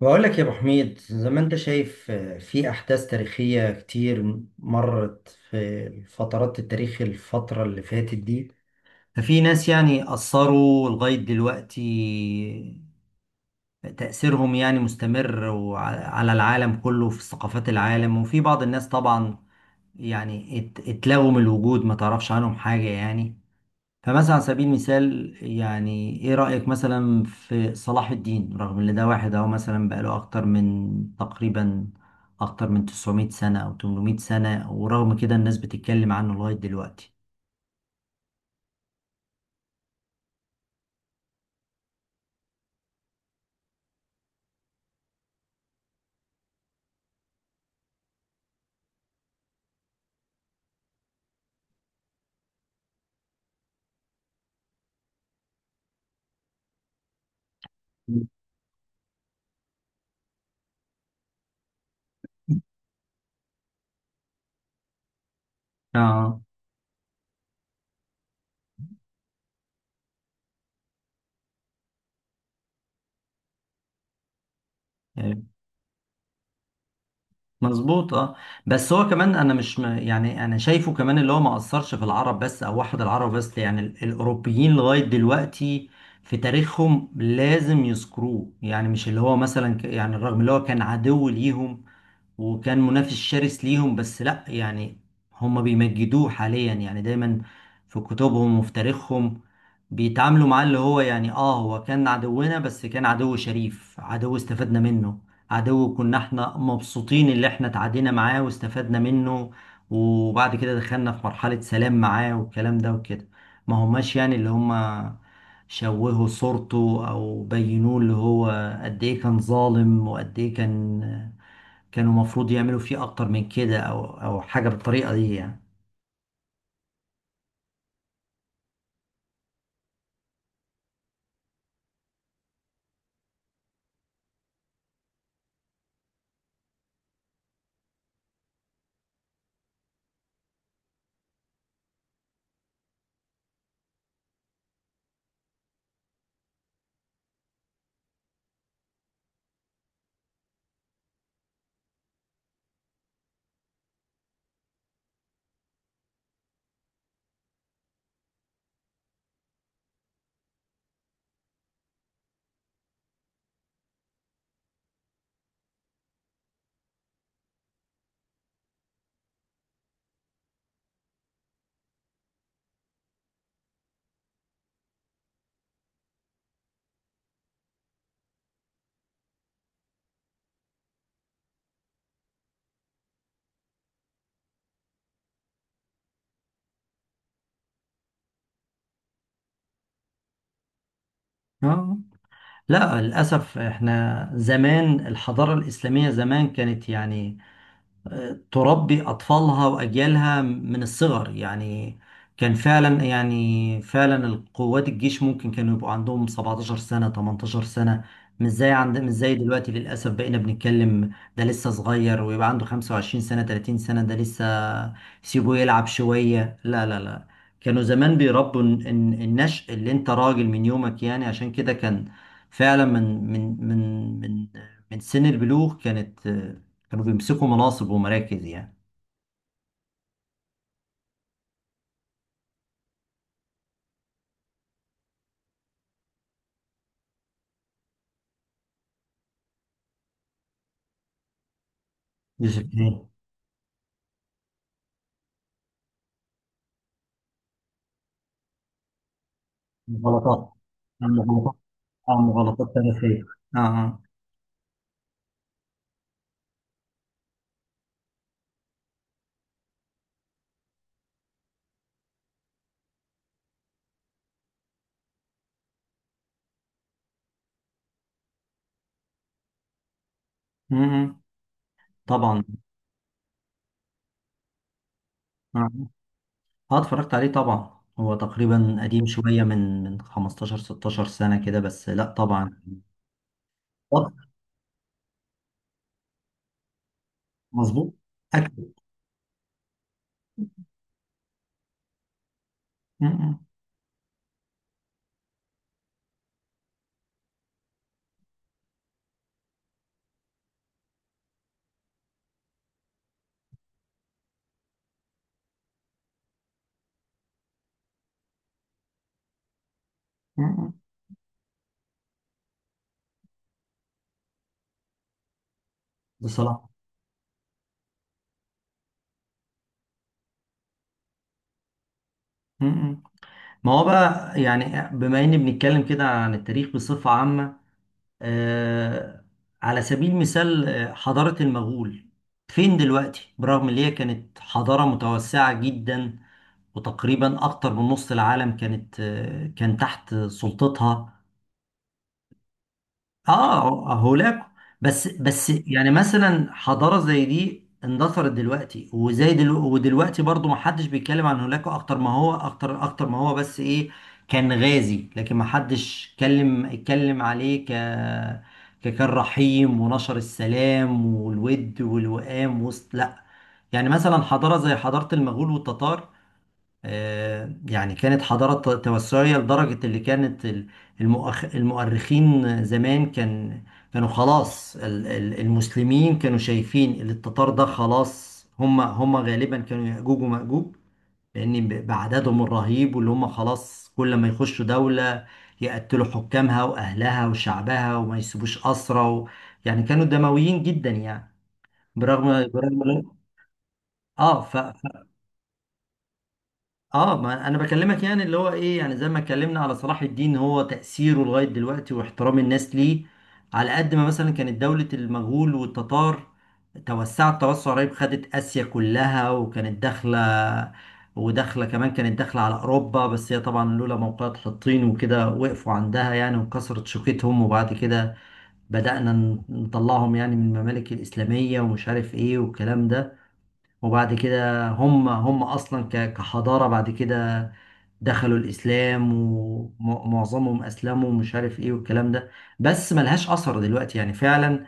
بقول لك يا ابو حميد، زي ما انت شايف، في احداث تاريخيه كتير مرت في فترات التاريخ، الفتره اللي فاتت دي. ففي ناس يعني اثروا لغايه دلوقتي، تاثيرهم يعني مستمر على العالم كله، في ثقافات العالم، وفي بعض الناس طبعا يعني اتلغوا من الوجود، ما تعرفش عنهم حاجه يعني. فمثلا على سبيل المثال، يعني ايه رأيك مثلا في صلاح الدين؟ رغم ان ده واحد اهو مثلا بقاله اكتر من 900 سنة او 800 سنة، ورغم كده الناس بتتكلم عنه لغاية دلوقتي. اه، يعني مظبوط. اه. بس هو كمان، انا مش يعني انا شايفه كمان اللي هو ما اثرش في العرب بس، او واحد العرب بس، يعني الاوروبيين لغايه دلوقتي في تاريخهم لازم يذكروه، يعني مش اللي هو مثلا يعني رغم اللي هو كان عدو ليهم، وكان منافس شرس ليهم، بس لا يعني هم بيمجدوه حاليا، يعني دايما في كتبهم وفي تاريخهم بيتعاملوا معاه اللي هو يعني هو كان عدونا، بس كان عدو شريف، عدو استفدنا منه، عدو كنا احنا مبسوطين اللي احنا تعادينا معاه واستفدنا منه، وبعد كده دخلنا في مرحلة سلام معاه والكلام ده وكده. ما هماش يعني اللي هم شوهوا صورته او بينوه اللي هو قد ايه كان ظالم وقد ايه كان، كانوا المفروض يعملوا فيه اكتر من كده، او حاجه بالطريقه دي يعني. اه، لا للاسف احنا زمان الحضاره الاسلاميه زمان كانت يعني تربي أطفالها وأجيالها من الصغر، يعني كان فعلا، يعني فعلا القوات، الجيش ممكن كانوا يبقوا عندهم 17 سنة، 18 سنة، مش زي دلوقتي للأسف. بقينا بنتكلم ده لسه صغير، ويبقى عنده 25 سنة، 30 سنة ده لسه، سيبه يلعب شوية، لا لا لا. كانوا زمان بيربوا النشء، اللي انت راجل من يومك يعني، عشان كده كان فعلا من سن البلوغ كانوا بيمسكوا مناصب ومراكز يعني. مش إيه. غلطات. عم غلطات، عم غلطات تاريخية. اه، اه. مم. طبعا. اه. آه، اتفرجت عليه طبعا، هو تقريبا قديم شوية، من 15 16 سنة كده، بس لا طبعا. طب، مظبوط. اكيد. مم. مم. بصراحة. مم. ما هو بقى يعني، بما اني بنتكلم كده عن التاريخ بصفة عامة، آه، على سبيل المثال، حضارة المغول فين دلوقتي؟ برغم ان هي كانت حضارة متوسعة جدا، وتقريبا اكتر من نص العالم كان تحت سلطتها. اه، هولاكو. بس يعني مثلا حضاره زي دي اندثرت دلوقتي، وزي دلو ودلوقتي برضو ما حدش بيتكلم عن هولاكو، اكتر ما هو اكتر ما هو، بس ايه، كان غازي، لكن ما حدش اتكلم عليه ككان رحيم ونشر السلام والود والوئام وسط، لا. يعني مثلا حضاره زي حضاره المغول والتتار، يعني كانت حضارة توسعية لدرجة اللي كانت المؤرخين زمان كانوا خلاص، المسلمين كانوا شايفين ان التتار ده خلاص، هم غالبا كانوا يأجوج ومأجوج، لأن بعددهم الرهيب، واللي هم خلاص كل ما يخشوا دولة يقتلوا حكامها وأهلها وشعبها، وما يسيبوش أسرى. و... يعني كانوا دمويين جدا يعني، برغم. اه، اه. ما انا بكلمك يعني اللي هو ايه، يعني زي ما اتكلمنا على صلاح الدين، هو تأثيره لغاية دلوقتي واحترام الناس ليه، على قد ما مثلا كانت دولة المغول والتتار توسعت توسع رهيب، خدت آسيا كلها، وكانت داخلة، وداخلة كمان، كانت داخلة على أوروبا، بس هي طبعا لولا موقعة حطين وكده وقفوا عندها يعني، وكسرت شوكتهم، وبعد كده بدأنا نطلعهم يعني من الممالك الإسلامية، ومش عارف ايه والكلام ده. وبعد كده هم، أصلا كحضارة، بعد كده دخلوا الإسلام، ومعظمهم أسلموا، ومش عارف إيه والكلام ده. بس ملهاش أثر دلوقتي يعني فعلا.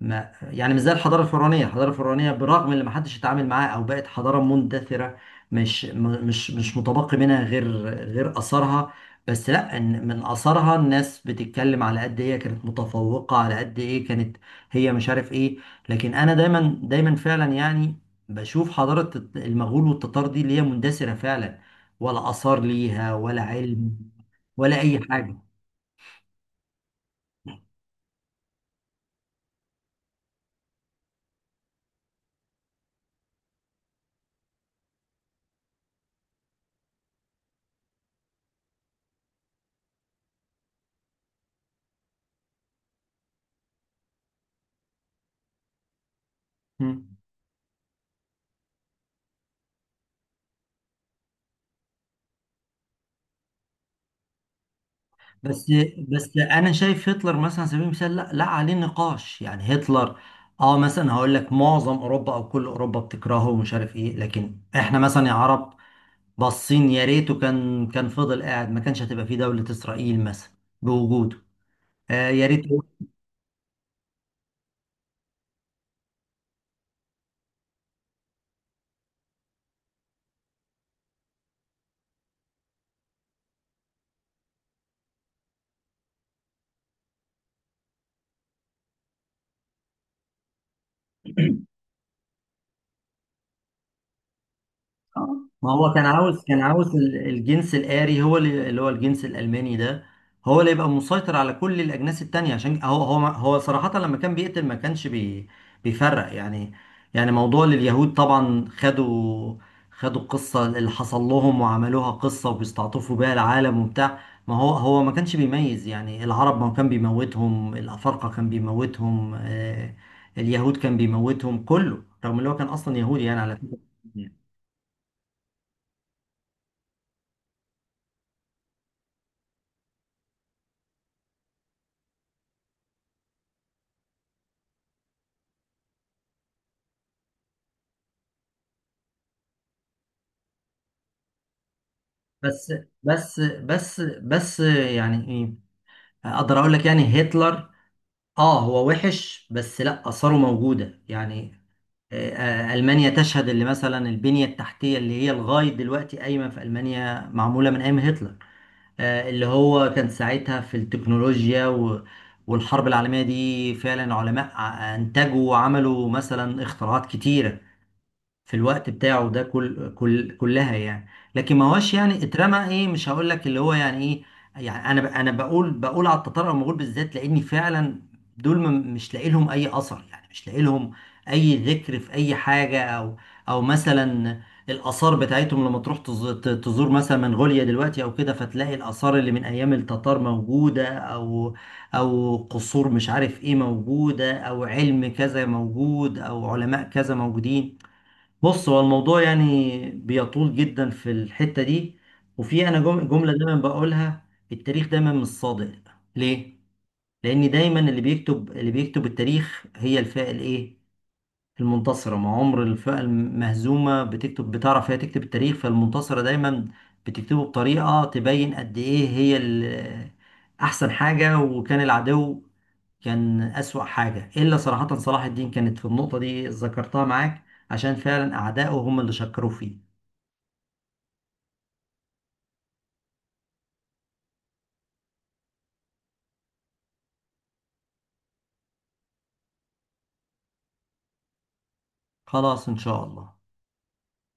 ما يعني مش زي الحضاره الفرعونيه. الحضاره الفرعونيه برغم ان ما حدش اتعامل معاها او بقت حضاره مندثره، مش مش متبقي منها غير، غير اثارها، بس لا إن من اثارها الناس بتتكلم على قد ايه كانت متفوقه، على قد ايه كانت هي، مش عارف ايه. لكن انا دايما دايما فعلا يعني بشوف حضاره المغول والتتار دي اللي هي مندثره فعلا، ولا اثار ليها، ولا علم، ولا اي حاجه. بس بس انا شايف هتلر مثلا، على سبيل المثال، لا لا عليه نقاش يعني. هتلر، اه مثلا هقول لك، معظم اوروبا او كل اوروبا بتكرهه، ومش عارف ايه، لكن احنا مثلا يا عرب باصين يا ريته كان فضل قاعد، ما كانش هتبقى فيه دولة اسرائيل مثلا بوجوده. آه، يا ريت. اه، ما هو كان عاوز، الجنس الآري، هو اللي، هو الجنس الألماني ده، هو اللي يبقى مسيطر على كل الأجناس التانية، عشان هو، صراحة لما كان بيقتل ما كانش بيفرق يعني. يعني موضوع لليهود طبعا، خدوا القصة اللي حصل لهم وعملوها قصة، وبيستعطفوا بيها العالم وبتاع. ما هو هو ما كانش بيميز يعني، العرب ما كان بيموتهم، الأفارقة كان بيموتهم، اليهود كان بيموتهم، كله، رغم اللي هو كان أصلا يهودي يعني، على فكرة. بس بس يعني ايه، اقدر اقول لك يعني هتلر، اه هو وحش، بس لا اثاره موجوده يعني، آه، المانيا تشهد، اللي مثلا البنيه التحتيه اللي هي لغايه دلوقتي قايمه في المانيا معموله من ايام هتلر. اللي هو كان ساعتها في التكنولوجيا والحرب العالميه دي، فعلا علماء انتجوا وعملوا مثلا اختراعات كتيره في الوقت بتاعه ده، كل كل كلها يعني. لكن ما هوش يعني اترمى ايه، مش هقول لك اللي هو يعني ايه، يعني انا انا بقول على التتار او المغول بالذات، لاني فعلا دول مش لاقي لهم اي اثر، يعني مش لاقي لهم اي ذكر في اي حاجه، او مثلا الاثار بتاعتهم لما تروح تزور مثلا منغوليا دلوقتي او كده، فتلاقي الاثار اللي من ايام التتار موجوده، او قصور مش عارف ايه موجوده، او علم كذا موجود، او علماء كذا موجودين. بص هو الموضوع يعني بيطول جدا في الحتة دي، وفي أنا جملة دايما بقولها: التاريخ دايما مش صادق. ليه؟ لأن دايما اللي بيكتب التاريخ هي الفئة الإيه؟ المنتصرة. ما عمر الفئة المهزومة بتكتب، بتعرف هي تكتب التاريخ، فالمنتصرة دايما بتكتبه بطريقة تبين قد إيه هي أحسن حاجة، وكان العدو كان أسوأ حاجة، إلا صراحة صلاح الدين كانت في النقطة دي ذكرتها معاك، عشان فعلا أعدائه هم اللي شكروا فيه. خلاص، إن شاء الله.